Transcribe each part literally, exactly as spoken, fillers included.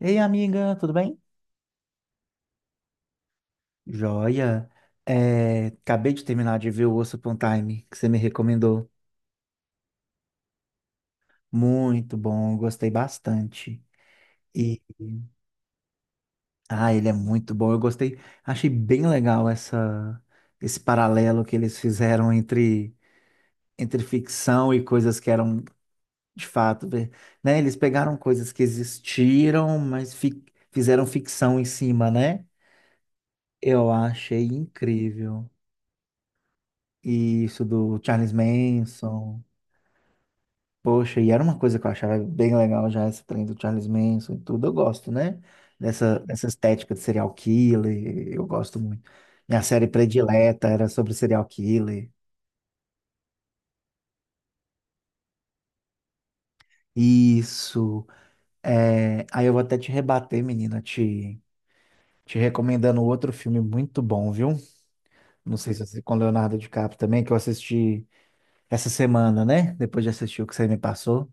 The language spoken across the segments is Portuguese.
Ei, amiga, tudo bem? Joia. É, acabei de terminar de ver o Osso Upon Time, que você me recomendou. Muito bom, gostei bastante. E, ah, ele é muito bom. Eu gostei, achei bem legal essa, esse paralelo que eles fizeram entre, entre ficção e coisas que eram de fato, ver- né? Eles pegaram coisas que existiram, mas fi- fizeram ficção em cima, né? Eu achei incrível. E isso do Charles Manson. Poxa, e era uma coisa que eu achava bem legal já, esse trem do Charles Manson e tudo. Eu gosto, né? Dessa, dessa estética de serial killer, eu gosto muito. Minha série predileta era sobre serial killer. Isso. É, aí eu vou até te rebater, menina, te, te recomendando outro filme muito bom, viu? Não sei se você com Leonardo DiCaprio também, que eu assisti essa semana, né? Depois de assistir o que você me passou.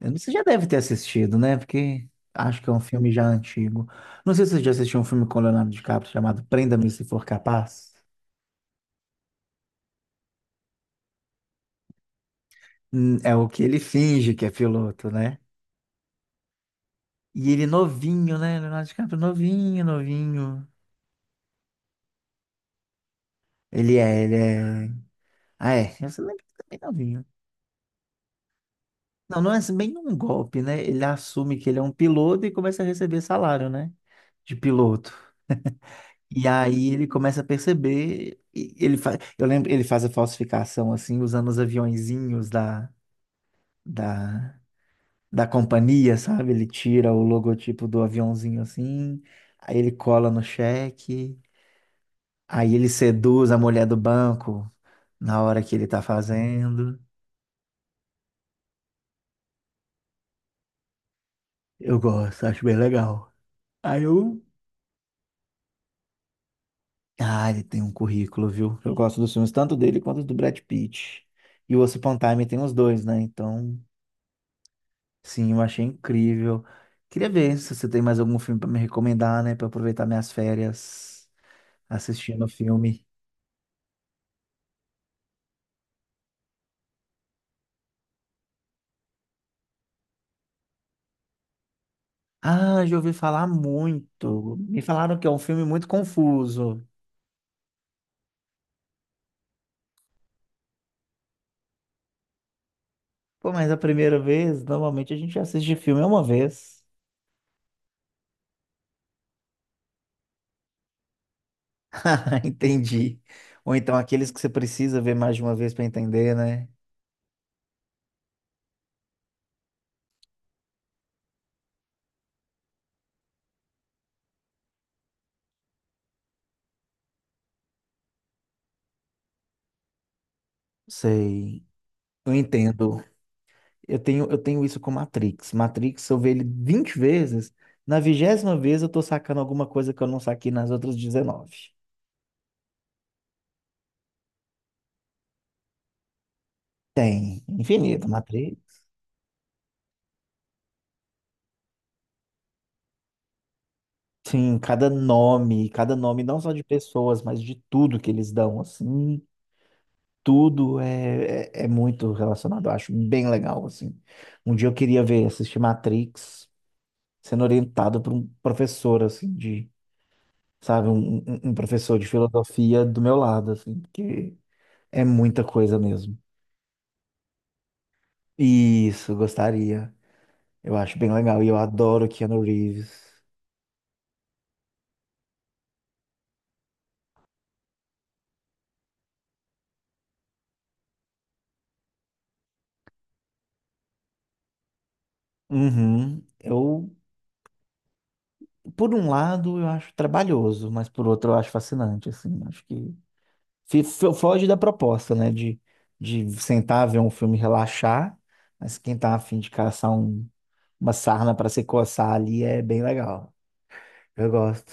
Eu não- Você já deve ter assistido, né? Porque acho que é um filme já antigo. Não sei se você já assistiu um filme com Leonardo DiCaprio chamado Prenda-me Se For Capaz. Hum, É o que ele finge que é piloto, né? E ele novinho, né? Leonardo DiCaprio novinho, novinho. Ele é, ele é. Ah, é. Você lembra que ele é bem novinho. Não, não é assim, bem um golpe, né? Ele assume que ele é um piloto e começa a receber salário, né? De piloto. E aí ele começa a perceber, e ele faz, eu lembro, ele faz a falsificação assim, usando os aviõezinhos da, da, da companhia, sabe? Ele tira o logotipo do aviãozinho assim, aí ele cola no cheque, aí ele seduz a mulher do banco na hora que ele tá fazendo. Eu gosto, acho bem legal. Aí eu, ah, ele tem um currículo, viu? Eu gosto dos filmes tanto dele quanto do Brad Pitt. E o Once Upon a Time tem os dois, né? Então sim, eu achei incrível. Queria ver se você tem mais algum filme para me recomendar, né? Para aproveitar minhas férias assistindo o filme. Ah, já ouvi falar muito. Me falaram que é um filme muito confuso. Pô, mas a primeira vez, normalmente a gente assiste filme uma vez. Entendi. Ou então aqueles que você precisa ver mais de uma vez para entender, né? Sei. Eu entendo. Eu tenho, eu tenho isso com Matrix. Matrix, eu vejo ele vinte vezes, na vigésima vez eu tô sacando alguma coisa que eu não saquei nas outras dezenove. Tem, infinito. Hum, Matrix. Sim, cada nome, cada nome não só de pessoas, mas de tudo que eles dão, assim, tudo é, é, é muito relacionado, eu acho bem legal, assim. Um dia eu queria ver, assistir Matrix sendo orientado por um professor, assim, de, sabe, um, um um professor de filosofia do meu lado, assim, porque é muita coisa mesmo. Isso, gostaria. Eu acho bem legal e eu adoro Keanu Reeves. Uhum. Eu, por um lado, eu acho trabalhoso, mas por outro, eu acho fascinante, assim. Acho que fi- fi- foge da proposta, né? De, de sentar, ver um filme, e relaxar. Mas quem tá afim de caçar um, uma sarna para se coçar ali é bem legal. Eu gosto.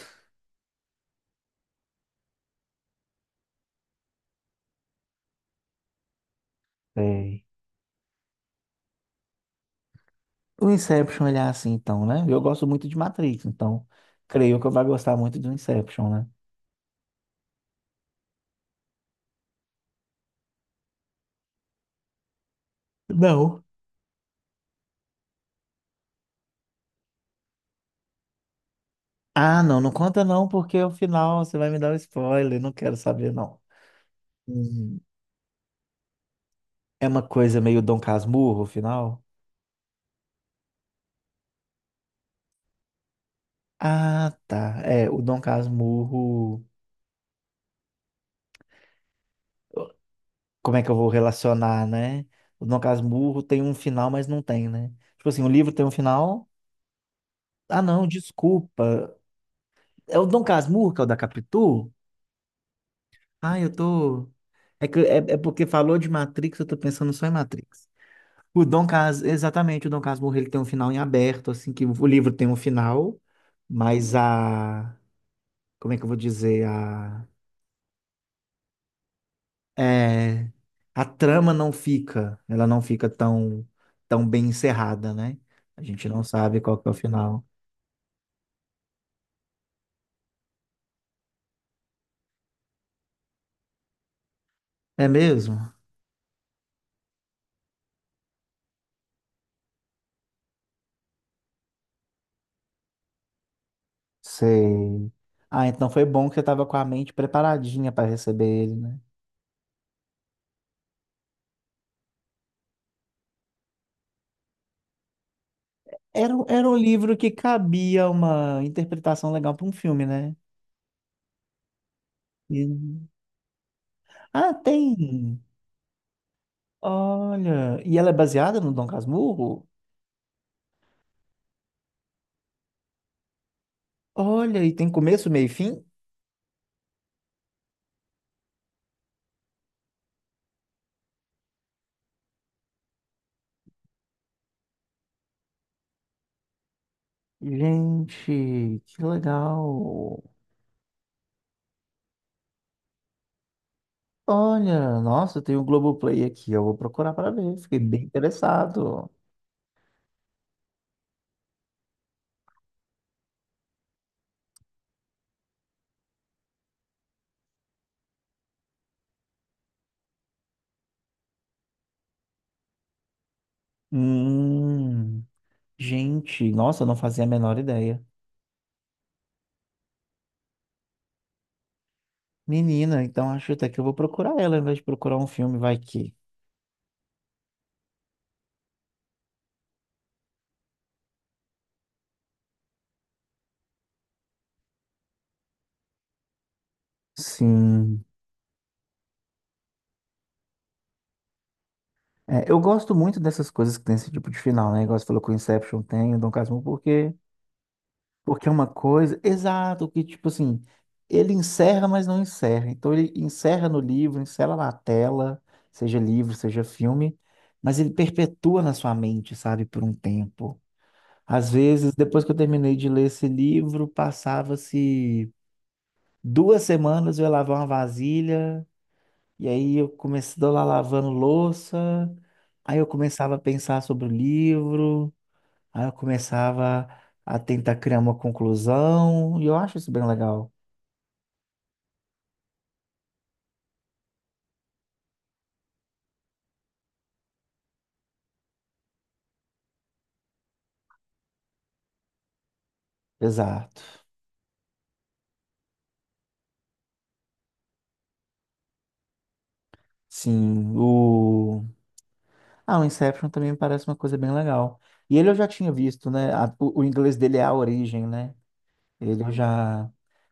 Sei. O Inception, ele é assim, então, né? Eu gosto muito de Matrix, então creio que eu vou gostar muito do Inception, né? Não. Ah, não, não conta não, porque ao final você vai me dar um spoiler, não quero saber não. Uhum. É uma coisa meio Dom Casmurro, o final? Ah, tá. É, o Dom Casmurro, como é que eu vou relacionar, né? O Dom Casmurro tem um final, mas não tem, né? Tipo assim, o livro tem um final. Ah, não, desculpa. É o Dom Casmurro que é o da Capitu? Ah, eu tô. É que é, é porque falou de Matrix, eu tô pensando só em Matrix. O Dom Cas, exatamente, o Dom Casmurro, ele tem um final em aberto, assim, que o livro tem um final, mas a, como é que eu vou dizer, a, é, a trama não fica, ela não fica tão, tão bem encerrada, né? A gente não sabe qual que é o final. É mesmo? Sei. Ah, então foi bom que você estava com a mente preparadinha para receber ele, né? Era, um- era um livro que cabia uma interpretação legal para um filme, né? E- Ah, tem. Olha, e ela é baseada no Dom Casmurro? Olha, e tem começo, meio e fim? Gente, que legal. Olha, nossa, tem o Globoplay aqui, eu vou procurar para ver, fiquei bem interessado. Hum, gente, nossa, eu não fazia a menor ideia. Menina, então acho até que eu vou procurar ela ao invés de procurar um filme, vai que. Sim. É, eu gosto muito dessas coisas que tem esse tipo de final, né? Igual você falou que o Inception tem, o Dom Casmurro, porque porque é uma coisa, exato, que tipo assim, ele encerra, mas não encerra. Então ele encerra no livro, encerra na tela, seja livro, seja filme, mas ele perpetua na sua mente, sabe, por um tempo. Às vezes, depois que eu terminei de ler esse livro, passava-se duas semanas eu ia lavar uma vasilha, e aí eu comecei lá lavando louça, aí eu começava a pensar sobre o livro. Aí eu começava a tentar criar uma conclusão, e eu acho isso bem legal. Exato. Sim, o... Ah, o Inception também me parece uma coisa bem legal. E ele eu já tinha visto, né? A- o, o inglês dele é A Origem, né? Ele eu já,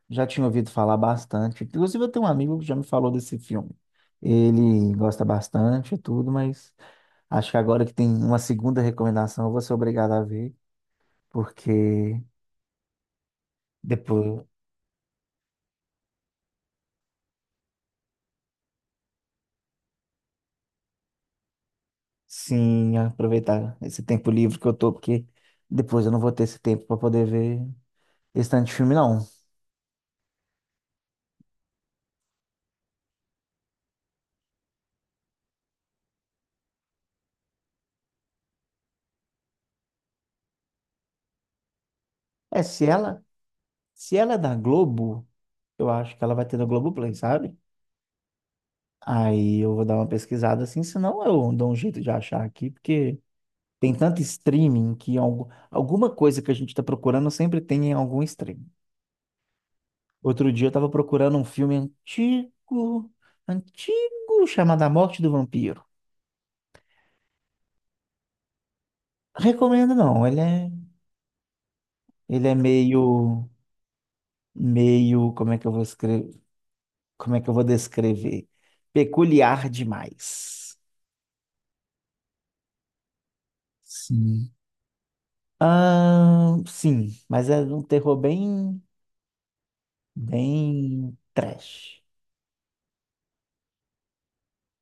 já tinha ouvido falar bastante. Inclusive, eu tenho um amigo que já me falou desse filme. Ele gosta bastante e tudo, mas acho que agora que tem uma segunda recomendação, eu vou ser obrigado a ver, porque depois sim, aproveitar esse tempo livre que eu tô, porque depois eu não vou ter esse tempo para poder ver esse tanto de filme, não. É, se ela, se ela é da Globo, eu acho que ela vai ter no Globoplay, sabe? Aí eu vou dar uma pesquisada assim, senão eu dou um jeito de achar aqui, porque tem tanto streaming que algu- alguma coisa que a gente tá procurando sempre tem em algum streaming. Outro dia eu tava procurando um filme antigo, antigo, chamado A Morte do Vampiro. Recomendo não, ele é, ele é meio meio, como é que eu vou escrever, como é que eu vou descrever? Peculiar demais. Sim. Ah, sim, mas é um terror bem, bem trash.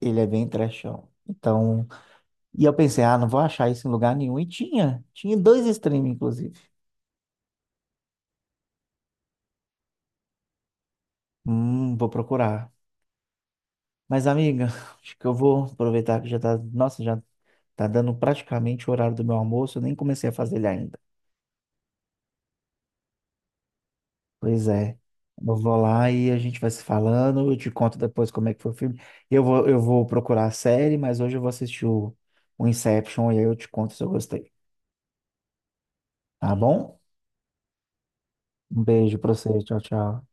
Ele é bem trashão. Então, e eu pensei, ah, não vou achar isso em lugar nenhum. E tinha, tinha em dois streams, inclusive. Hum, vou procurar. Mas, amiga, acho que eu vou aproveitar que já tá, nossa, já tá dando praticamente o horário do meu almoço. Eu nem comecei a fazer ele ainda. Pois é. Eu vou lá e a gente vai se falando. Eu te conto depois como é que foi o filme. Eu vou, eu vou procurar a série, mas hoje eu vou assistir o, o Inception e aí eu te conto se eu gostei. Tá bom? Um beijo pra você. Tchau, tchau.